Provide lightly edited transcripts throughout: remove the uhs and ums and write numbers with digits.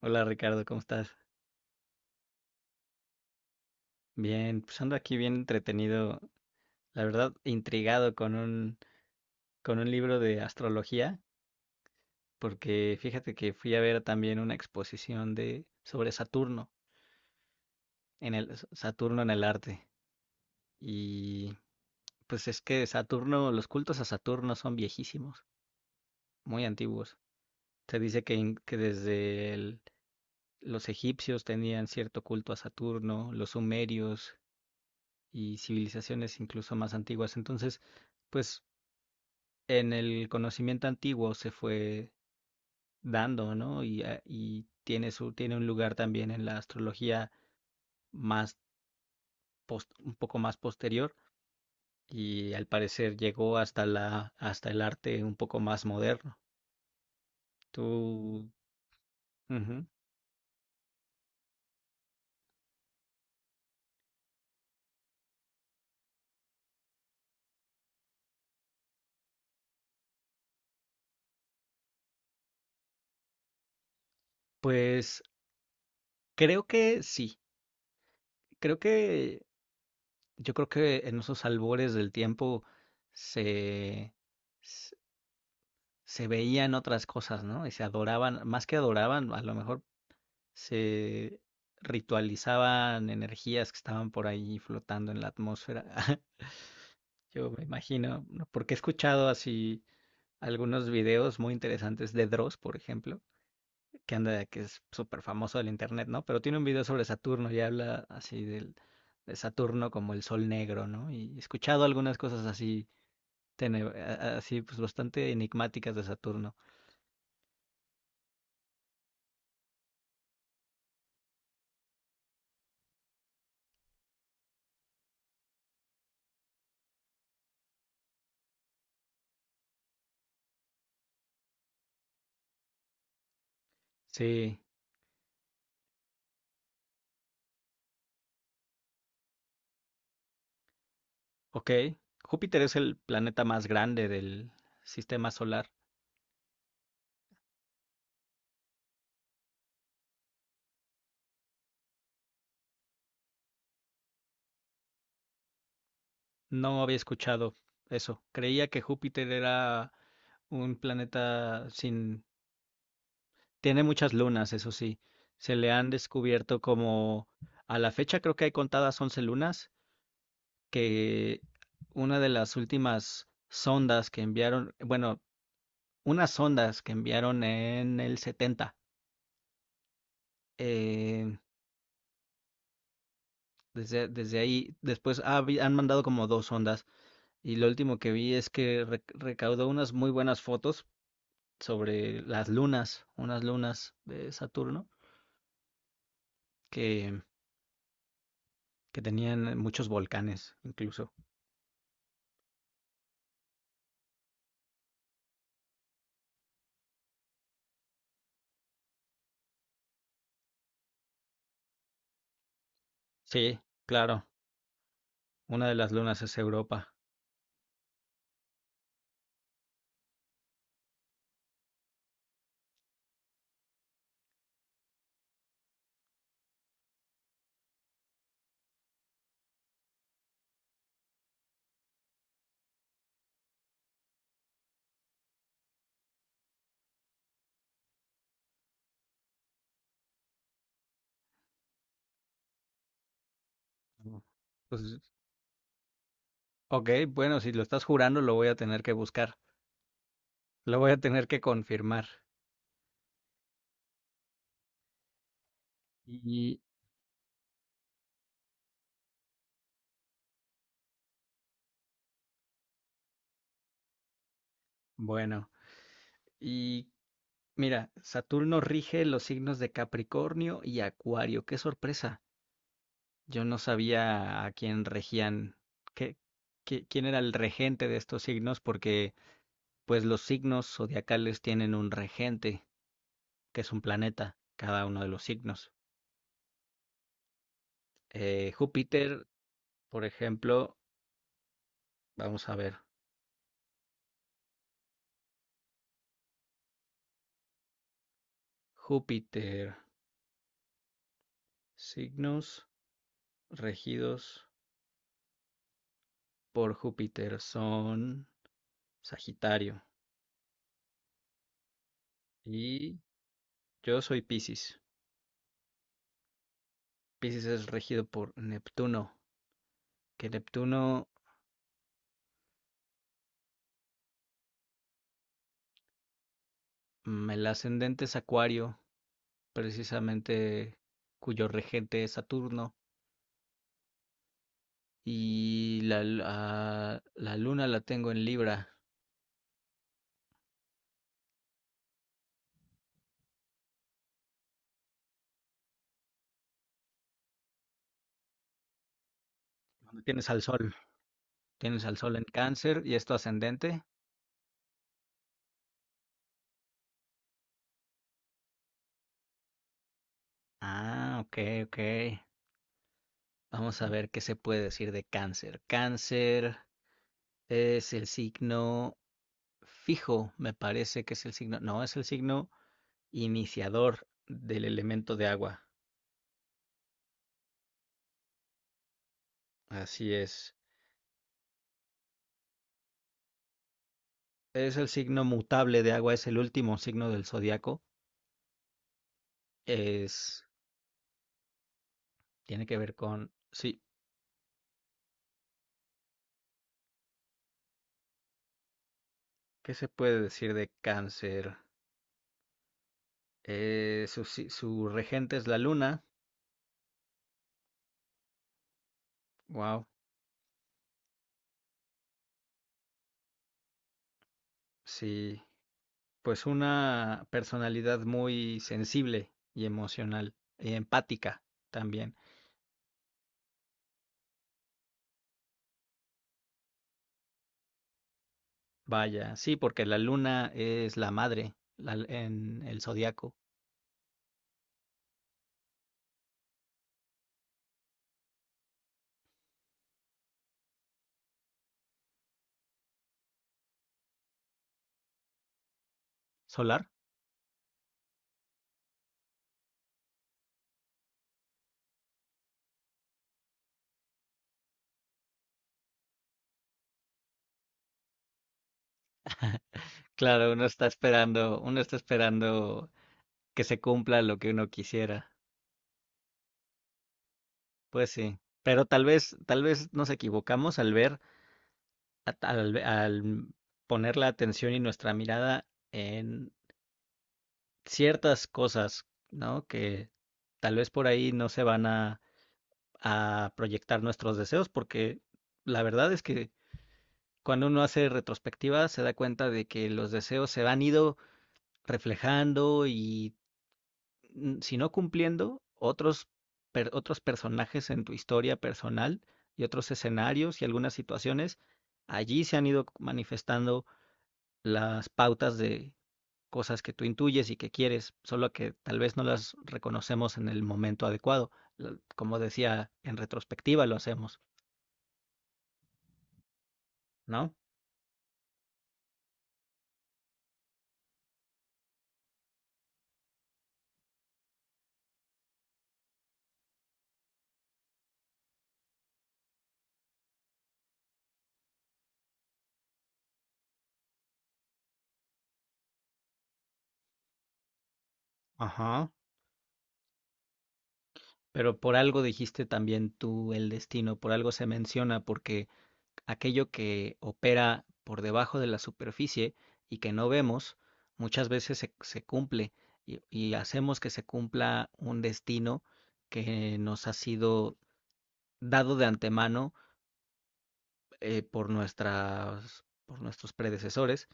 Hola Ricardo, ¿cómo estás? Bien, pues ando aquí bien entretenido, la verdad intrigado con un libro de astrología, porque fíjate que fui a ver también una exposición de sobre Saturno en el Saturno en el arte. Y pues es que Saturno, los cultos a Saturno son viejísimos, muy antiguos. Se dice que desde los egipcios tenían cierto culto a Saturno, los sumerios y civilizaciones incluso más antiguas. Entonces, pues en el conocimiento antiguo se fue dando, ¿no? Y tiene un lugar también en la astrología más un poco más posterior, y al parecer llegó hasta el arte un poco más moderno. Tú. Ujú. Pues creo que sí, creo que yo creo que en esos albores del tiempo se, se se veían otras cosas, ¿no? Y se adoraban, más que adoraban, a lo mejor se ritualizaban energías que estaban por ahí flotando en la atmósfera. Yo me imagino, ¿no?, porque he escuchado así algunos videos muy interesantes de Dross, por ejemplo, que es súper famoso del internet, ¿no? Pero tiene un video sobre Saturno y habla así de Saturno como el sol negro, ¿no? Y he escuchado algunas cosas así, tene- a- así pues bastante enigmáticas de Saturno. Sí, ok. Júpiter es el planeta más grande del sistema solar. No había escuchado eso. Creía que Júpiter era un planeta sin. Tiene muchas lunas, eso sí. Se le han descubierto como. A la fecha creo que hay contadas 11 lunas, que una de las últimas sondas que enviaron, bueno, unas sondas que enviaron en el 70, eh, desde ahí, después han mandado como dos sondas, y lo último que vi es que recaudó unas muy buenas fotos sobre las lunas, unas lunas de Saturno que, que tenían muchos volcanes incluso. Sí, claro, una de las lunas es Europa. Pues, ok, bueno, si lo estás jurando lo voy a tener que buscar, lo voy a tener que confirmar. Y bueno, y mira, Saturno rige los signos de Capricornio y Acuario. Qué sorpresa. Yo no sabía a quién regían, qué, quién era el regente de estos signos, porque pues los signos zodiacales tienen un regente, que es un planeta, cada uno de los signos. Júpiter, por ejemplo, vamos a ver, Júpiter, signos regidos por Júpiter son Sagitario, y yo soy Piscis. Piscis es regido por Neptuno, que Neptuno, el ascendente es Acuario, precisamente cuyo regente es Saturno. Y la luna la tengo en Libra, donde tienes al sol. Tienes al sol en Cáncer y es tu ascendente. Ah, ok, ok. Vamos a ver qué se puede decir de Cáncer. Cáncer es el signo fijo, me parece que es el signo. No, es el signo iniciador del elemento de agua. Así es. Es el signo mutable de agua, es el último signo del zodiaco. Es, tiene que ver con, sí, ¿qué se puede decir de Cáncer? Su, si- su regente es la luna. Wow, sí. Pues una personalidad muy sensible y emocional, y empática también. Vaya, sí, porque la luna es la madre en el zodiaco solar. Claro, uno está esperando que se cumpla lo que uno quisiera. Pues sí. Pero tal vez nos equivocamos al ver al poner la atención y nuestra mirada en ciertas cosas, ¿no? Que tal vez por ahí no se van a proyectar nuestros deseos, porque la verdad es que cuando uno hace retrospectiva se da cuenta de que los deseos se han ido reflejando y, si no cumpliendo, otros personajes en tu historia personal y otros escenarios y algunas situaciones allí se han ido manifestando las pautas de cosas que tú intuyes y que quieres, solo que tal vez no las reconocemos en el momento adecuado. Como decía, en retrospectiva lo hacemos, ¿no? Ajá. Pero por algo dijiste también tú el destino, por algo se menciona, porque aquello que opera por debajo de la superficie y que no vemos, muchas veces se cumple, y hacemos que se cumpla un destino que nos ha sido dado de antemano, por nuestros predecesores,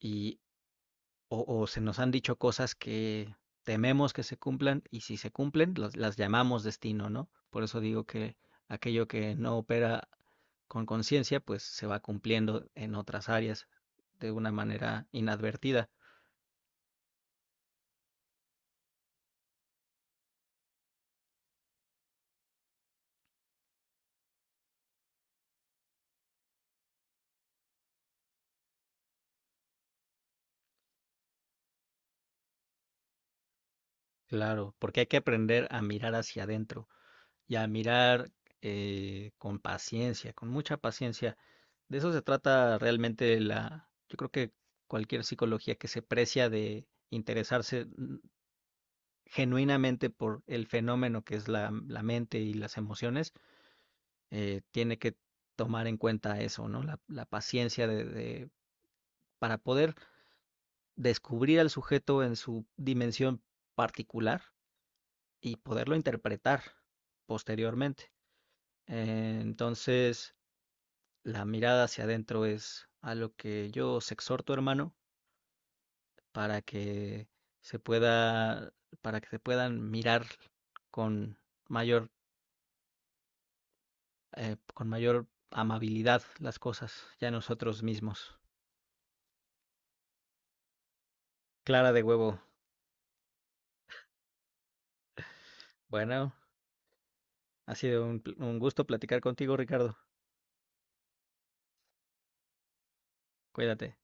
y se nos han dicho cosas que tememos que se cumplan, y si se cumplen las llamamos destino, ¿no? Por eso digo que aquello que no opera con conciencia pues se va cumpliendo en otras áreas de una manera inadvertida. Claro, porque hay que aprender a mirar hacia adentro y a mirar, con paciencia, con mucha paciencia. De eso se trata realmente yo creo que cualquier psicología que se precia de interesarse, genuinamente por el fenómeno que es la mente y las emociones, tiene que tomar en cuenta eso, ¿no? La paciencia para poder descubrir al sujeto en su dimensión particular y poderlo interpretar posteriormente. Entonces, la mirada hacia adentro es a lo que yo os exhorto, hermano, para que se pueda, para que se puedan mirar con mayor, con mayor amabilidad las cosas, ya nosotros mismos. Clara de huevo. Bueno, ha sido un gusto platicar contigo, Ricardo. Cuídate.